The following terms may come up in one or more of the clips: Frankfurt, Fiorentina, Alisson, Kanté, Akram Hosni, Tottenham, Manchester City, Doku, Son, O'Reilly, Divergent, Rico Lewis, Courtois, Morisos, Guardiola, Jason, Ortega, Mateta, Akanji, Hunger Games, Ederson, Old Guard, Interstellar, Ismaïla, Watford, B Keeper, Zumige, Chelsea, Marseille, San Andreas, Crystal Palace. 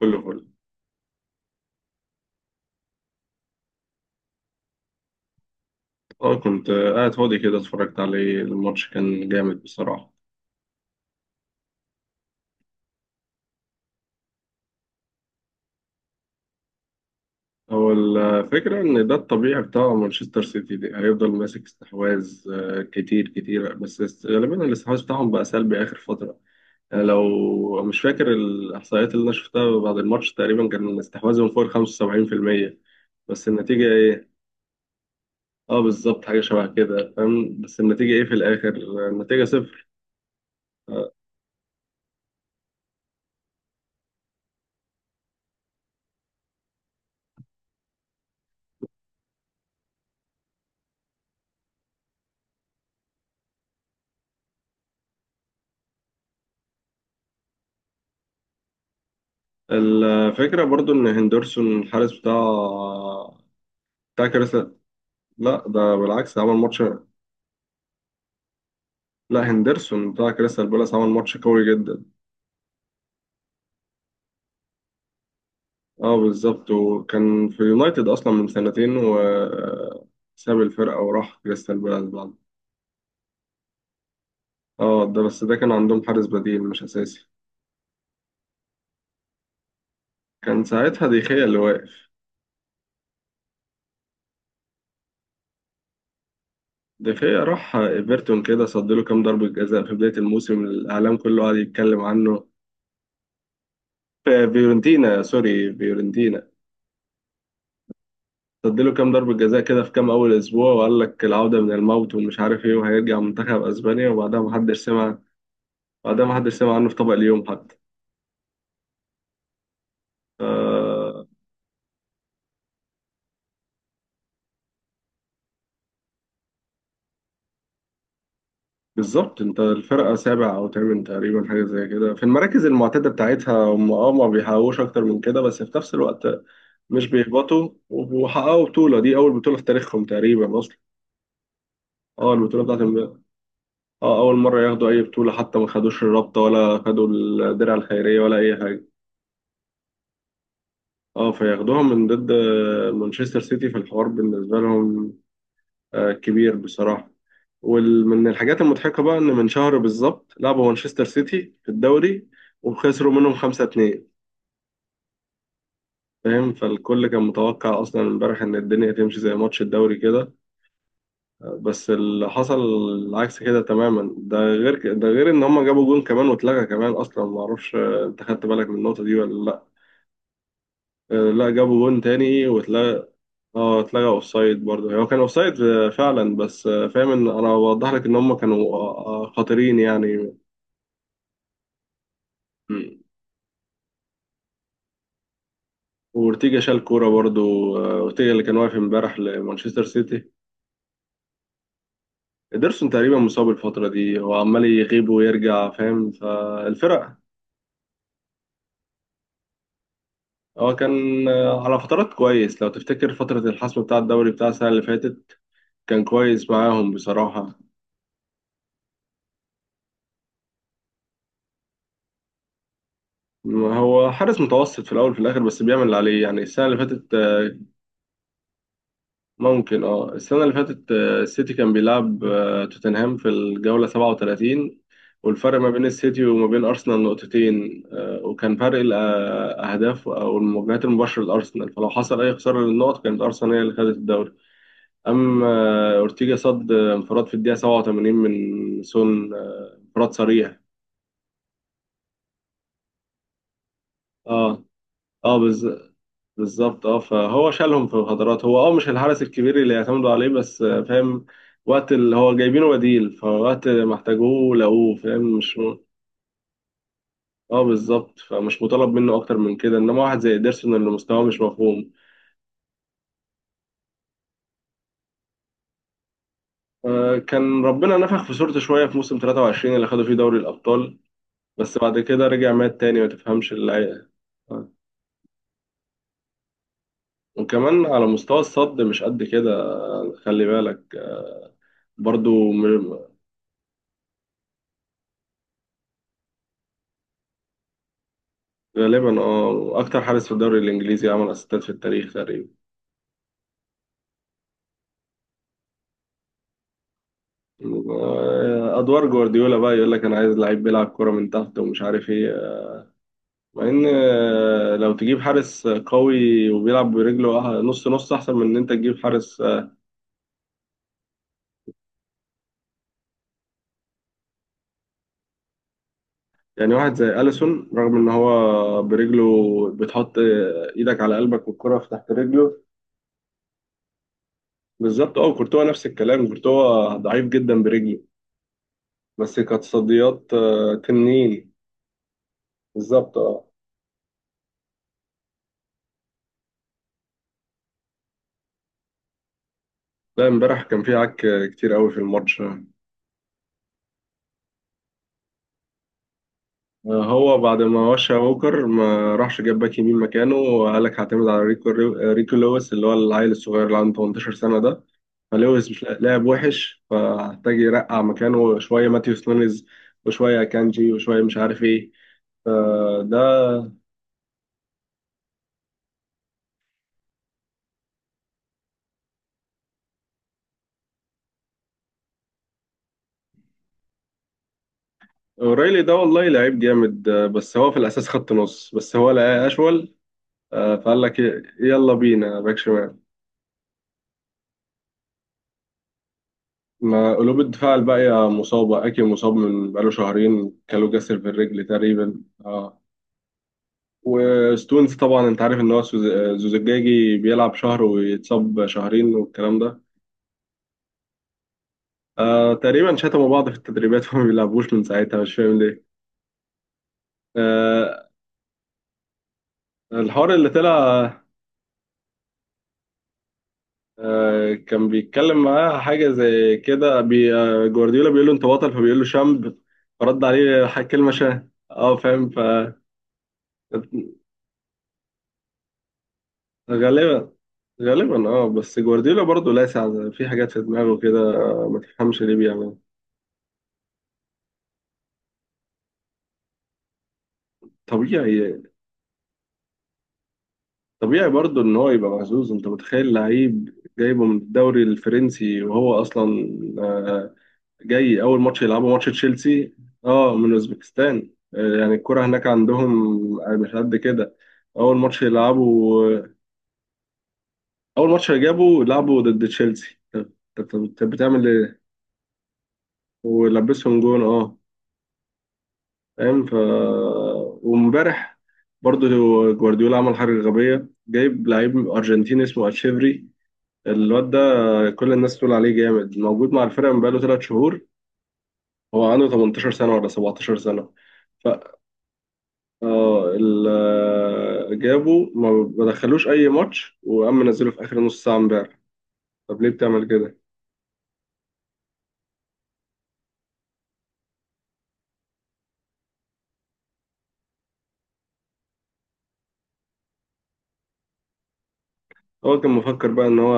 كله فل. اه كنت قاعد فاضي كده، اتفرجت عليه. الماتش كان جامد بصراحة. هو الفكرة إن ده الطبيعي بتاع مانشستر سيتي، دي هيفضل ماسك استحواذ كتير كتير، بس غالبا الاستحواذ بتاعهم بقى سلبي آخر فترة. يعني لو مش فاكر الإحصائيات اللي أنا شفتها بعد الماتش، تقريبا كان استحواذهم فوق 75%. بس النتيجة إيه؟ اه بالظبط، حاجة شبه كده، فاهم؟ بس النتيجة إيه في الآخر؟ النتيجة صفر. آه، الفكرة برضو إن هندرسون الحارس بتاع كريستال. لا ده بالعكس عمل ماتش. لا هندرسون بتاع كريستال بالاس عمل ماتش قوي جدا. اه بالظبط، وكان في يونايتد اصلا من سنتين وساب الفرقه وراح كريستال بالاس بعد. اه ده، بس ده كان عندهم حارس بديل مش اساسي. كان ساعتها ديخيا اللي واقف. ديخيا راح ايفرتون كده، صد له كام ضربه جزاء في بدايه الموسم، الاعلام كله قعد يتكلم عنه. في فيورنتينا، سوري، فيورنتينا. اديله كام ضربة جزاء كده في كام أول أسبوع، وقال لك العودة من الموت ومش عارف إيه، وهيرجع منتخب أسبانيا، وبعدها محدش سمع. بعدها محدش سمع عنه في طبق اليوم حتى. آه. بالظبط، أنت الفرقة سابع أو تامن تقريبا، حاجة زي كده، في المراكز المعتادة بتاعتها. هم أه ما بيحققوش أكتر من كده، بس في نفس الوقت مش بيهبطوا. وحققوا بطولة، دي أول بطولة في تاريخهم تقريبا أصلا. اه البطولة بتاعت امبارح. اه أول مرة ياخدوا أي بطولة، حتى ما خدوش الرابطة ولا خدوا الدرع الخيرية ولا أي حاجة. اه، فياخدوها من ضد مانشستر سيتي، في الحوار بالنسبة لهم كبير بصراحة. ومن الحاجات المضحكة بقى إن من شهر بالظبط لعبوا مانشستر سيتي في الدوري وخسروا منهم 5-2. فاهم؟ فالكل كان متوقع أصلا امبارح إن الدنيا تمشي زي ماتش الدوري كده. بس اللي حصل العكس كده تماما. ده غير ده غير إن هما جابوا جون كمان واتلغى كمان أصلا، معرفش أنت خدت بالك من النقطة دي ولا لأ؟ لا جابوا جون تاني واتلغى. اه اتلغى اوف سايد، برضه هو كان اوف سايد فعلا. بس فاهم، ان انا بوضح لك ان هم كانوا خطيرين يعني. مم. وارتيجا شال كوره برضه. اورتيجا اللي كان واقف امبارح لمانشستر سيتي. ادرسون تقريبا مصاب الفتره دي، هو عمال يغيب ويرجع، فاهم؟ فالفرق، هو كان على فترات كويس. لو تفتكر فتره الحسم بتاع الدوري بتاع السنه اللي فاتت، كان كويس معاهم بصراحه. هو حارس متوسط في الاول في الاخر، بس بيعمل اللي عليه يعني. السنه اللي فاتت ممكن، اه، السنة اللي فاتت السيتي كان بيلعب توتنهام في الجولة 37، والفرق ما بين السيتي وما بين أرسنال نقطتين وكان فرق الأهداف أو المواجهات المباشرة لأرسنال، فلو حصل أي خسارة للنقط كانت أرسنال هي اللي خدت الدوري. أما أورتيجا صد انفراد في الدقيقة 87 من سون انفراد صريح. اه اه بالظبط. اه فهو شالهم في الهدرات. هو اه مش الحرس الكبير اللي يعتمدوا عليه، بس فاهم، وقت اللي هو جايبينه بديل، فوقت ما احتاجوه لقوه، فاهم؟ مش اه بالظبط. فمش مطالب منه اكتر من كده، انما واحد زي ادرسون اللي مستواه مش مفهوم. كان ربنا نفخ في صورته شويه في موسم 23 اللي خدوا فيه دوري الابطال، بس بعد كده رجع مات تاني ما تفهمش اللي. آه. وكمان على مستوى الصد مش قد كده. خلي بالك، برضو م- غالبا اه اكتر حارس في الدوري الانجليزي عمل اسيستات في التاريخ تقريبا. ادوار جوارديولا بقى يقول لك انا عايز لعيب بيلعب كرة من تحت ومش عارف ايه، مع ان لو تجيب حارس قوي وبيلعب برجله نص نص احسن من ان انت تجيب حارس يعني واحد زي اليسون رغم ان هو برجله بتحط ايدك على قلبك والكرة في تحت رجله. بالظبط، اه، كورتوا نفس الكلام، كورتوا ضعيف جدا برجله، بس كانت تصديات تنين. بالظبط اه. لا امبارح كان في عك كتير قوي في الماتش. هو بعد ما وشى ووكر ما راحش جاب باك يمين مكانه، وقال لك هعتمد على ريكو. ريكو لويس اللي هو العيل الصغير اللي عنده 18 سنة ده، فلويس مش لاعب وحش، فهحتاج يرقع مكانه شوية ماتيوس نونيز وشوية كانجي وشوية مش عارف ايه. فده اوريلي ده، والله لعيب جامد بس هو في الأساس خط نص، بس هو لقاه أشول فقال لك يلا بينا باك شمال. ما قلوب الدفاع الباقية مصابة. أكي مصاب من بقاله شهرين، كالو جسر في الرجل تقريبا اه. وستونز طبعا أنت عارف إن هو زوزجاجي، بيلعب شهر ويتصاب شهرين والكلام ده. آه تقريبا شتموا بعض في التدريبات فما بيلعبوش من ساعتها، مش فاهم ليه. آه الحوار اللي طلع. آه كان بيتكلم معاه حاجة زي كده، بي آه جوارديولا بيقول له أنت بطل، فبيقول له شامب، فرد عليه كلمة شاه، اه فاهم؟ فغالبا، غالبا اه. بس جوارديولا برضه لاسع في حاجات في دماغه كده، ما تفهمش ليه بيعملها. طبيعي، طبيعي برضه ان هو يبقى مهزوز. انت متخيل لعيب جايبه من الدوري الفرنسي وهو اصلا آه، جاي اول ماتش يلعبه ماتش تشيلسي. اه من اوزبكستان يعني الكرة هناك عندهم مش قد كده. اول ماتش يلعبه، اول ماتش جابه لعبه ضد تشيلسي. طب، طب بتعمل ايه؟ ولبسهم جون اه. فاهم. وامبارح برضه جوارديولا عمل حاجة غبية، جايب لعيب أرجنتيني اسمه أتشيفري. الواد ده كل الناس تقول عليه جامد، موجود مع الفرقة من بقاله 3 شهور. هو عنده 18 سنة ولا 17 سنة؟ ف آه، ال- آه، جابه ما دخلوش أي ماتش، وقام منزله في آخر نص ساعة امبارح. طب ليه بتعمل كده؟ هو كان مفكر بقى إن هو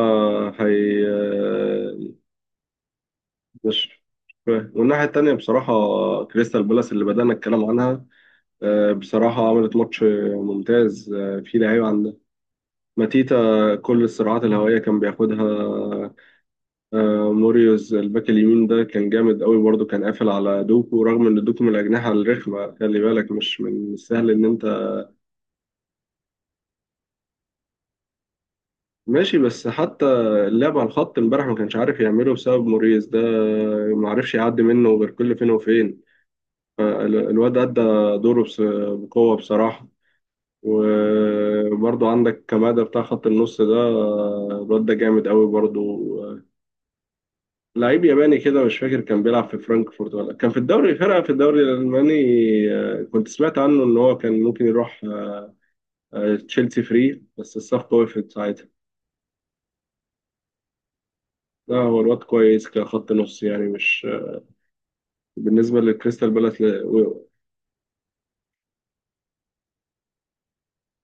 هي مش مش فاهم. والناحية التانية بصراحة كريستال بالاس اللي بدأنا الكلام عنها بصراحة عملت ماتش ممتاز في لعيبة عندها. ماتيتا كل الصراعات الهوائية كان بياخدها. موريوز الباك اليمين ده كان جامد قوي برضه، كان قافل على دوكو، رغم ان دوكو من الأجنحة الرخمة، خلي بالك مش من السهل ان انت. ماشي، بس حتى اللعب على الخط امبارح ما كانش عارف يعمله بسبب موريوس ده، ما عرفش يعدي منه غير كل فين وفين. الواد أدى دوره بقوة بصراحة. وبرضو عندك كمادة بتاع خط النص ده الواد ده جامد قوي برضو. آه، لعيب ياباني كده، مش فاكر كان بيلعب في فرانكفورت ولا كان في الدوري، فرقة في الدوري الألماني. كنت سمعت عنه إن هو كان ممكن يروح تشيلسي فري، بس الصفقة وقفت ساعتها. لا هو الواد كويس كخط نص يعني، مش بالنسبة لكريستال بالاس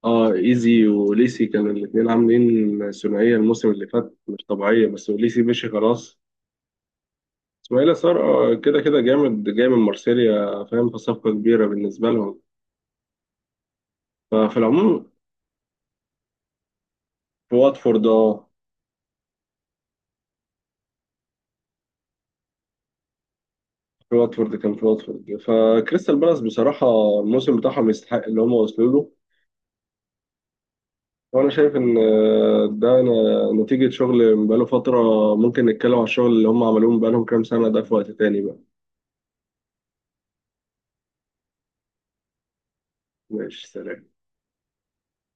اه ايزي وليسي كانوا الاتنين عاملين ثنائية الموسم اللي فات مش طبيعية، بس وليسي مشي خلاص. اسماعيل صار كده كده جامد، جاي من مارسيليا، فاهم؟ فصفقة كبيرة بالنسبة لهم. ففي العموم، في واتفورد اه، في واتفورد كان. في واتفورد، فكريستال بالاس بصراحة الموسم بتاعهم يستحق اللي هم وصلوا له. وأنا شايف إن ده نتيجة شغل بقاله فترة. ممكن نتكلم على الشغل اللي هم عملوه بقالهم كام سنة ده في وقت تاني بقى. ماشي، سلام.